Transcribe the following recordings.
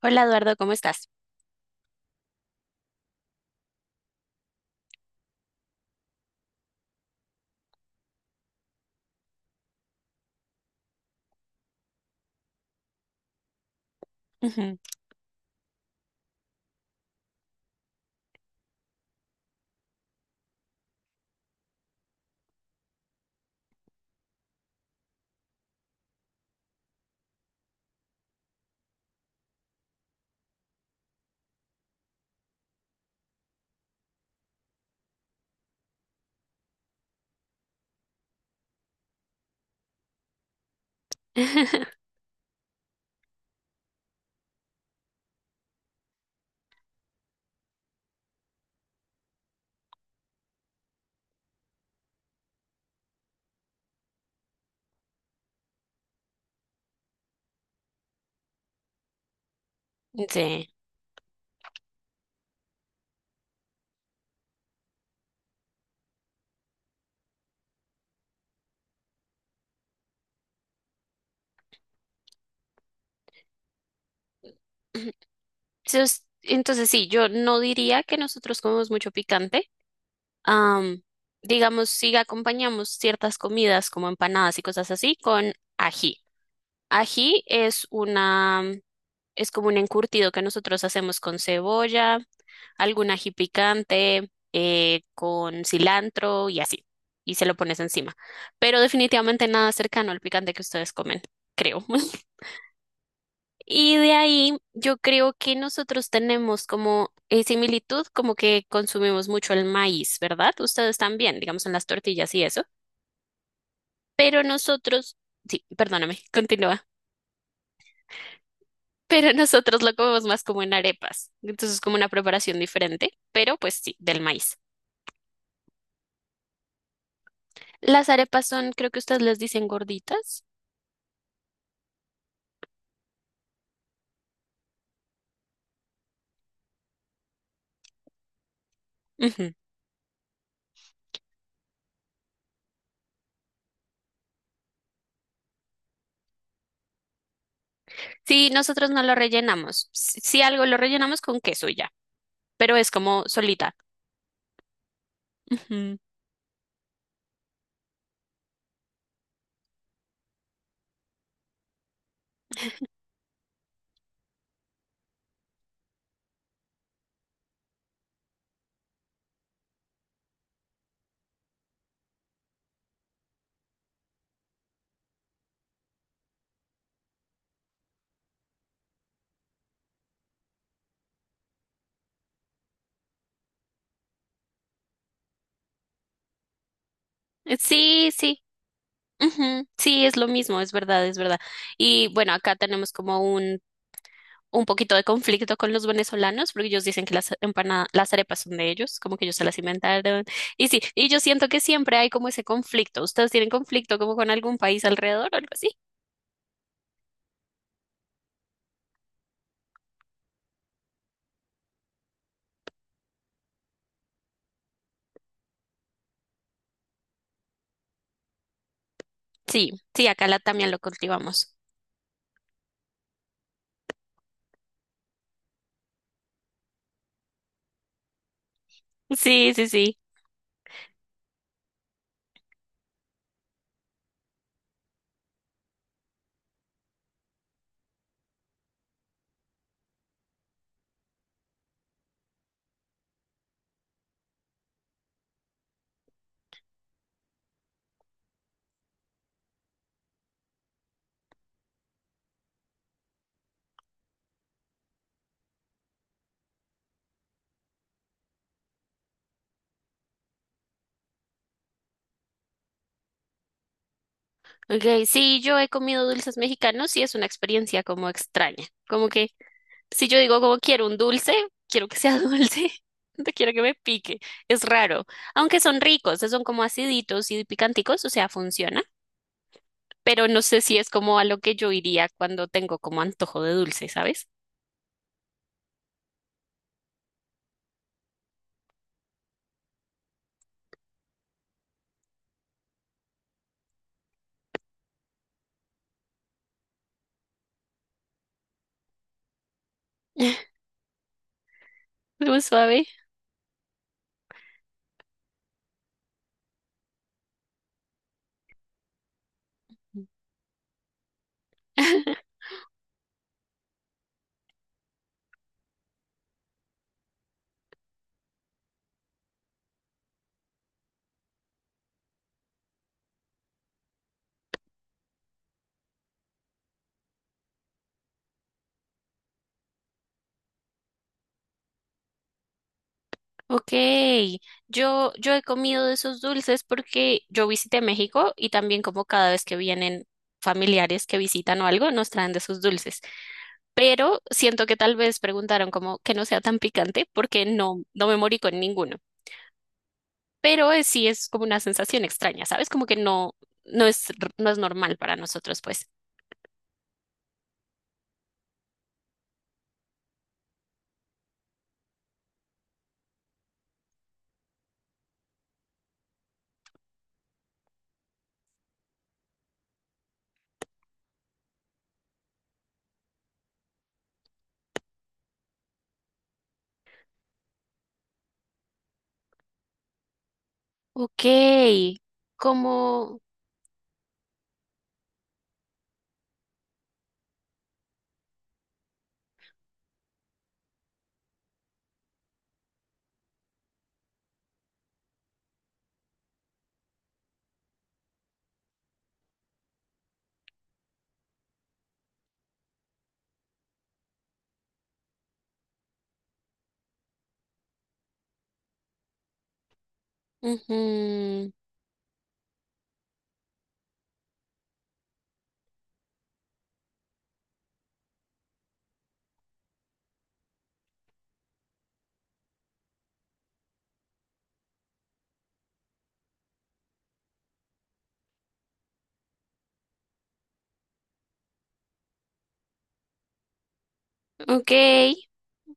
Hola Eduardo, ¿cómo estás? Ujú. Sí. Entonces sí, yo no diría que nosotros comemos mucho picante. Am, digamos, sí acompañamos ciertas comidas como empanadas y cosas así con ají. Ají es una, es como un encurtido que nosotros hacemos con cebolla, algún ají picante, con cilantro y así. Y se lo pones encima. Pero definitivamente nada cercano al picante que ustedes comen, creo. Y de ahí yo creo que nosotros tenemos como similitud, como que consumimos mucho el maíz, ¿verdad? Ustedes también, digamos, en las tortillas y eso. Pero nosotros, sí, perdóname, continúa. Pero nosotros lo comemos más como en arepas. Entonces es como una preparación diferente, pero pues sí, del maíz. Las arepas son, creo que ustedes les dicen gorditas. Ujú. Sí, nosotros no lo rellenamos. Si si algo lo rellenamos con queso y ya, pero es como solita. Ujú. Sí, sí. Ujú, sí, es lo mismo, es verdad, es verdad. Y bueno, acá tenemos como un poquito de conflicto con los venezolanos, porque ellos dicen que las empanadas, las arepas son de ellos, como que ellos se las inventaron. Y sí, y yo siento que siempre hay como ese conflicto. ¿Ustedes tienen conflicto como con algún país alrededor o algo así? Sí, sí, acá también lo cultivamos. Sí, sí, sí. Okay, sí, yo he comido dulces mexicanos y es una experiencia como extraña. Como que si yo digo como quiero un dulce, quiero que sea dulce, no quiero que me pique. Es raro. Aunque son ricos, son como aciditos y picanticos, o sea, funciona. Pero no sé si es como a lo que yo iría cuando tengo como antojo de dulce, ¿sabes? Muy suave. Ok, yo he comido de esos dulces porque yo visité México y también como cada vez que vienen familiares que visitan o algo, nos traen de esos dulces. Pero siento que tal vez preguntaron como que no sea tan picante porque no me morí con ninguno. Pero sí es como una sensación extraña, ¿sabes? Como que no es normal para nosotros, pues. Ok, como... Ujú, ok,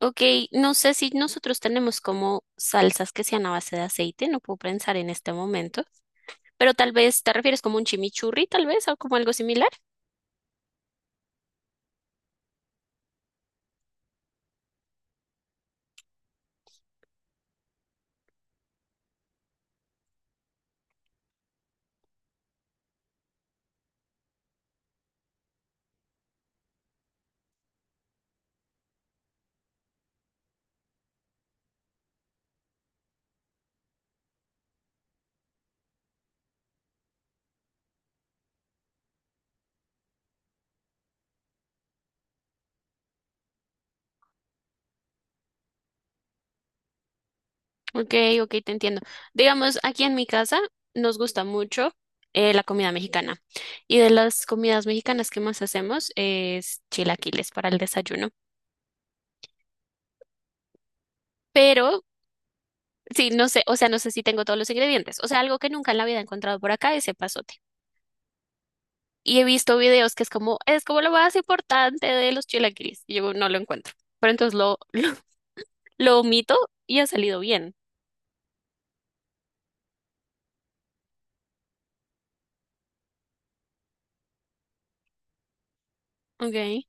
ok, no sé si nosotros tenemos como salsas que sean a base de aceite, no puedo pensar en este momento, pero tal vez te refieres como un chimichurri, tal vez, o como algo similar. Ok, ok, te entiendo. Digamos, aquí en mi casa nos gusta mucho la comida mexicana. Y de las comidas mexicanas que más hacemos es chilaquiles para el desayuno. Pero sí, no sé, o sea, no sé si tengo todos los ingredientes. O sea, algo que nunca en la vida he encontrado por acá es epazote. Y he visto videos que es como lo más importante de los chilaquiles. Y yo no lo encuentro. Pero entonces lo, lo omito y ha salido bien. Ok,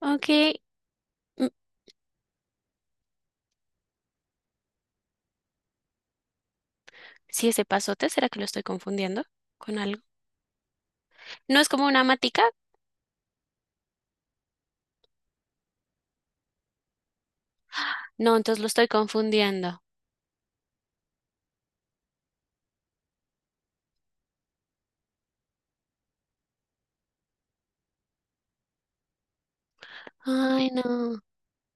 ok. Mm, sí, es epazote, ¿será que lo estoy confundiendo con algo? ¿No es como una matica? No, entonces lo estoy confundiendo. Ay, no.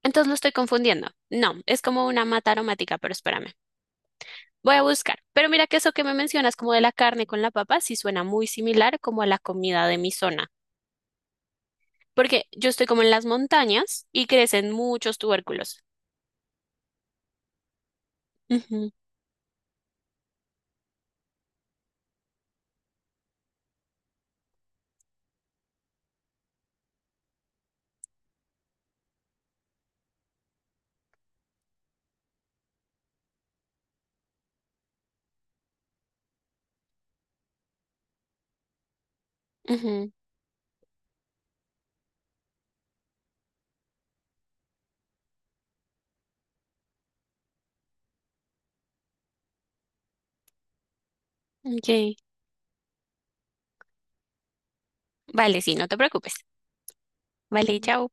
Entonces lo estoy confundiendo. No, es como una mata aromática, pero espérame. Voy a buscar. Pero mira que eso que me mencionas como de la carne con la papa sí suena muy similar como a la comida de mi zona. Porque yo estoy como en las montañas y crecen muchos tubérculos. Ujú, ujú. Ok. Vale, sí, no te preocupes. Vale, chao.